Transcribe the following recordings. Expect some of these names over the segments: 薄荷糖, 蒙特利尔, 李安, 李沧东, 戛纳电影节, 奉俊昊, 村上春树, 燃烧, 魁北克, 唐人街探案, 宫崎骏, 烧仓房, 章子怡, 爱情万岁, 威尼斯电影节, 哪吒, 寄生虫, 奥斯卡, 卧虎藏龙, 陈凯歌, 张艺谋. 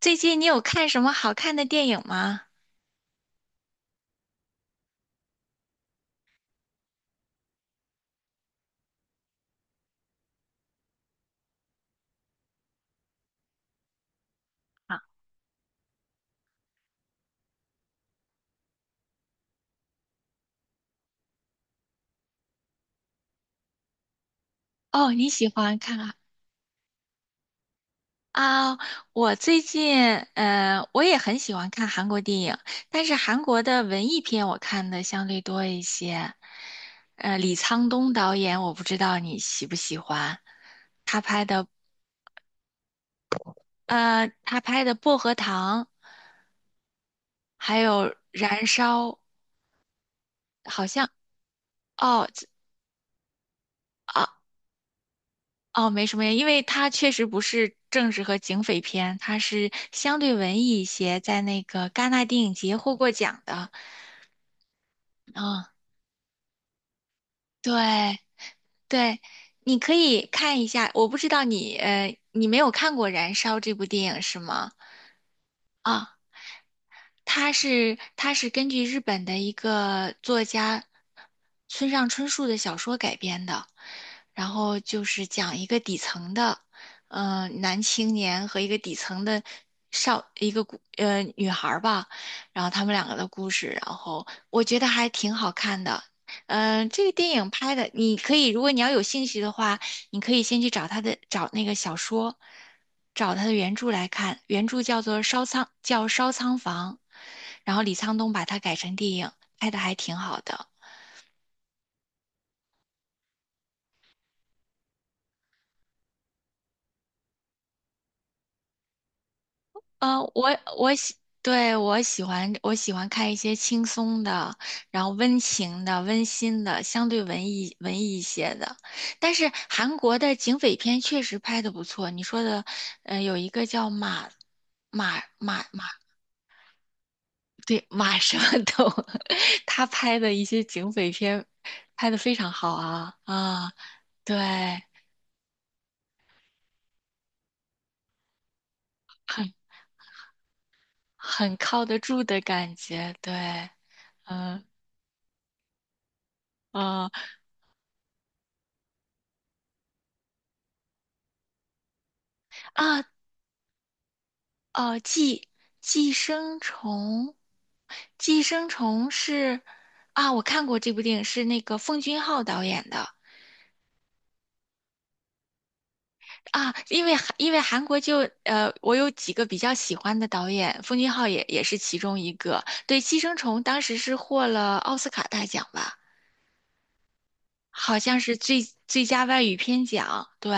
最近你有看什么好看的电影吗？啊，哦，你喜欢看啊？啊，我最近，我也很喜欢看韩国电影，但是韩国的文艺片我看的相对多一些。李沧东导演，我不知道你喜不喜欢，他拍的，他拍的《薄荷糖》，还有《燃烧》，好像，哦，啊哦，没什么呀，因为它确实不是政治和警匪片，它是相对文艺一些，在那个戛纳电影节获过奖的。嗯，对对，你可以看一下。我不知道你没有看过《燃烧》这部电影是吗？啊。它是根据日本的一个作家村上春树的小说改编的，然后就是讲一个底层的，男青年和一个底层的少一个姑呃女孩儿吧，然后他们两个的故事，然后我觉得还挺好看的。嗯、这个电影拍的，你可以，如果你要有兴趣的话，你可以先去找他的，找那个小说，找他的原著来看。原著叫做《烧仓》，叫《烧仓房》，然后李沧东把它改成电影，拍的还挺好的。呃，我我喜，对，我喜欢看一些轻松的，然后温情的、温馨的，相对文艺一些的。但是韩国的警匪片确实拍的不错。你说的，有一个叫马。对，马上懂。他拍的一些警匪片拍的非常好啊啊，对，很很靠得住的感觉，对，嗯嗯啊哦，寄生虫，寄生虫是啊，我看过这部电影，是那个奉俊昊导演的，啊，因为韩国就我有几个比较喜欢的导演，奉俊昊也是其中一个。对，《寄生虫》当时是获了奥斯卡大奖吧，好像是最佳外语片奖。对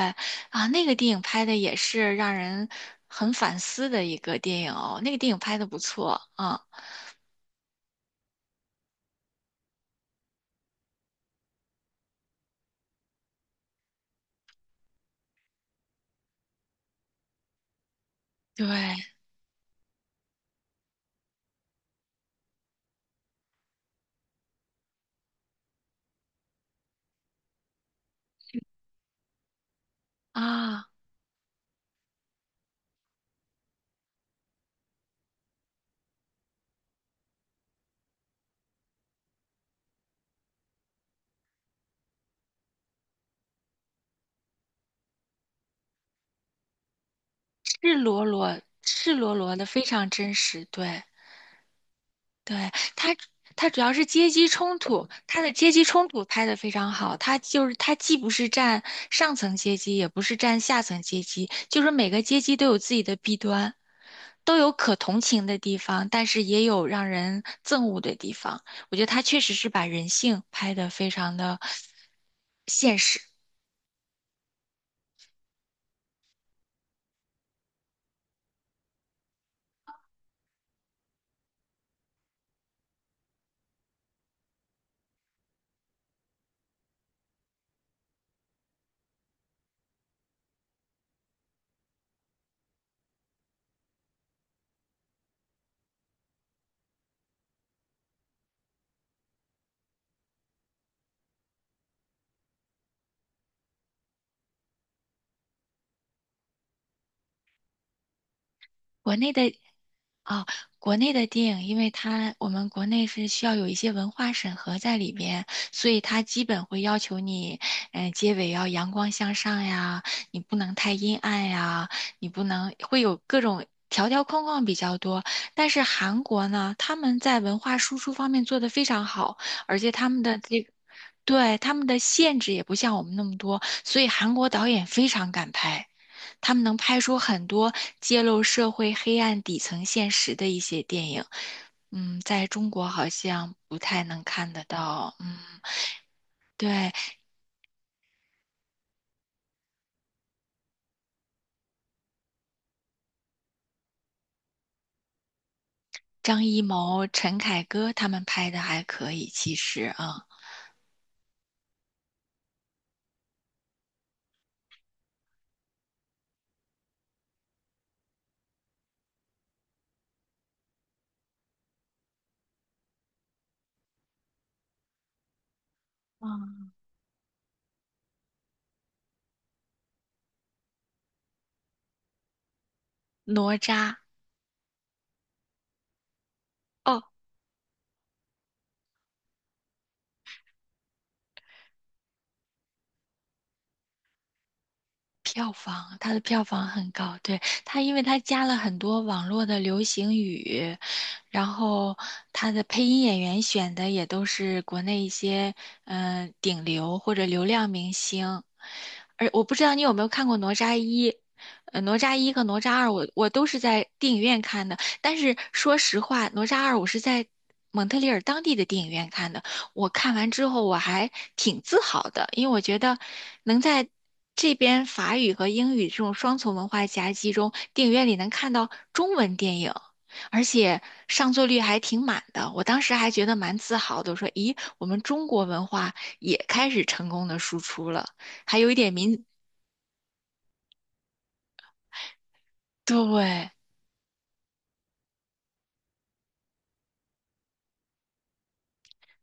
啊，那个电影拍的也是让人很反思的一个电影哦，那个电影拍的不错啊，对啊，赤裸裸赤裸裸的非常真实，对对，他，他主要是阶级冲突，他的阶级冲突拍得非常好。他就是他既不是占上层阶级，也不是占下层阶级，就是每个阶级都有自己的弊端，都有可同情的地方，但是也有让人憎恶的地方。我觉得他确实是把人性拍得非常的现实。国内的哦，国内的电影，因为我们国内是需要有一些文化审核在里边，所以它基本会要求你，结尾要阳光向上呀，你不能太阴暗呀，你不能会有各种条条框框比较多。但是韩国呢，他们在文化输出方面做得非常好，而且他们的这个，对，他们的限制也不像我们那么多，所以韩国导演非常敢拍。他们能拍出很多揭露社会黑暗底层现实的一些电影。嗯，在中国好像不太能看得到。嗯，对，张艺谋、陈凯歌他们拍的还可以，其实啊，嗯，哪吒。哦，票房，它的票房很高，对，因为它加了很多网络的流行语，然后它的配音演员选的也都是国内一些顶流或者流量明星，而我不知道你有没有看过《哪吒一》，《哪吒一》和《哪吒二》我都是在电影院看的，但是说实话，《哪吒二》我是在蒙特利尔当地的电影院看的。我看完之后我还挺自豪的，因为我觉得能在这边法语和英语这种双重文化夹击中，电影院里能看到中文电影，而且上座率还挺满的。我当时还觉得蛮自豪的，我说：“咦，我们中国文化也开始成功的输出了，还有一点民，对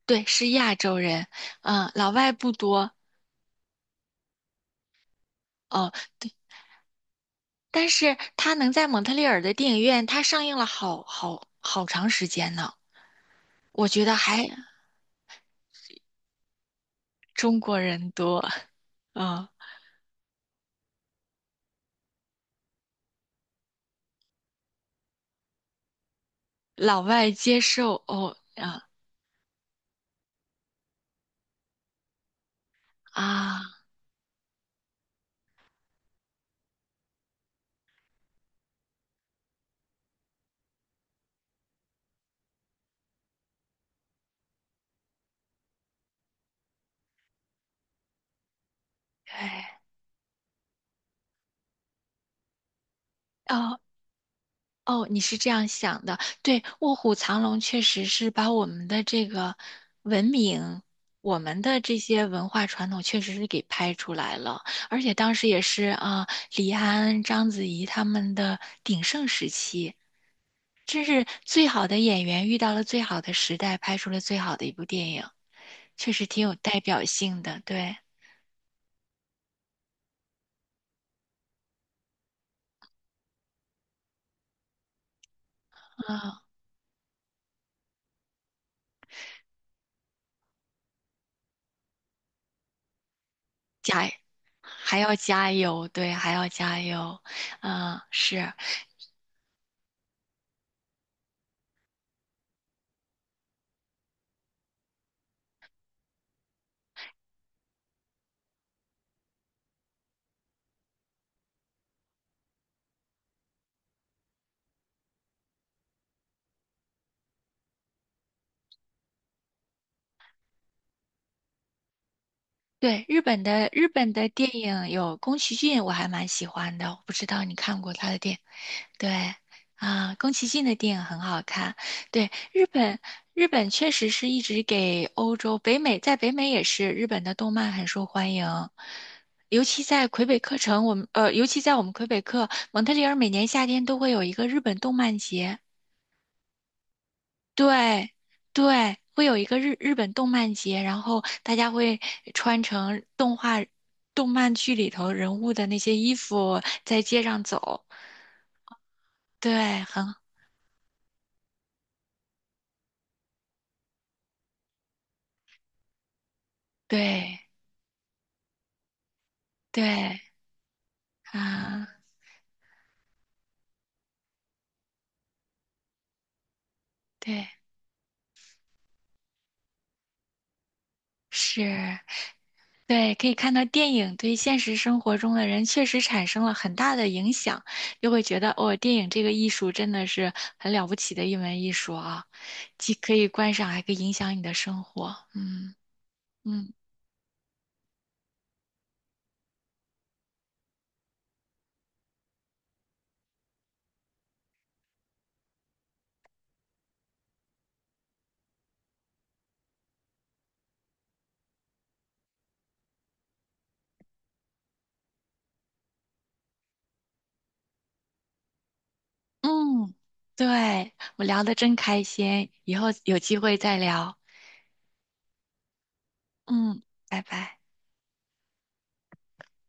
对，是亚洲人，嗯，老外不多。”哦，对，但是他能在蒙特利尔的电影院，他上映了好好好长时间呢。我觉得还中国人多啊，老外接受哦啊啊，对哦哦，你是这样想的，对，卧虎藏龙确实是把我们的这个文明，我们的这些文化传统确实是给拍出来了，而且当时也是啊，李安、章子怡他们的鼎盛时期，真是最好的演员遇到了最好的时代，拍出了最好的一部电影，确实挺有代表性的，对。啊，加，还要加油，对，还要加油，啊，是，对，日本的电影有宫崎骏，我还蛮喜欢的，我不知道你看过他的电影，对，啊，宫崎骏的电影很好看，对，日本确实是一直给欧洲、北美，在北美也是日本的动漫很受欢迎，尤其在魁北克城，我们尤其在我们魁北克，蒙特利尔每年夏天都会有一个日本动漫节。对对，会有一个日本动漫节，然后大家会穿成动画、动漫剧里头人物的那些衣服，在街上走。对，很对对啊，对是，对，可以看到电影对现实生活中的人确实产生了很大的影响，又会觉得哦，电影这个艺术真的是很了不起的一门艺术啊，既可以观赏，还可以影响你的生活。嗯嗯。嗯，对，我聊得真开心，以后有机会再聊。嗯，拜拜。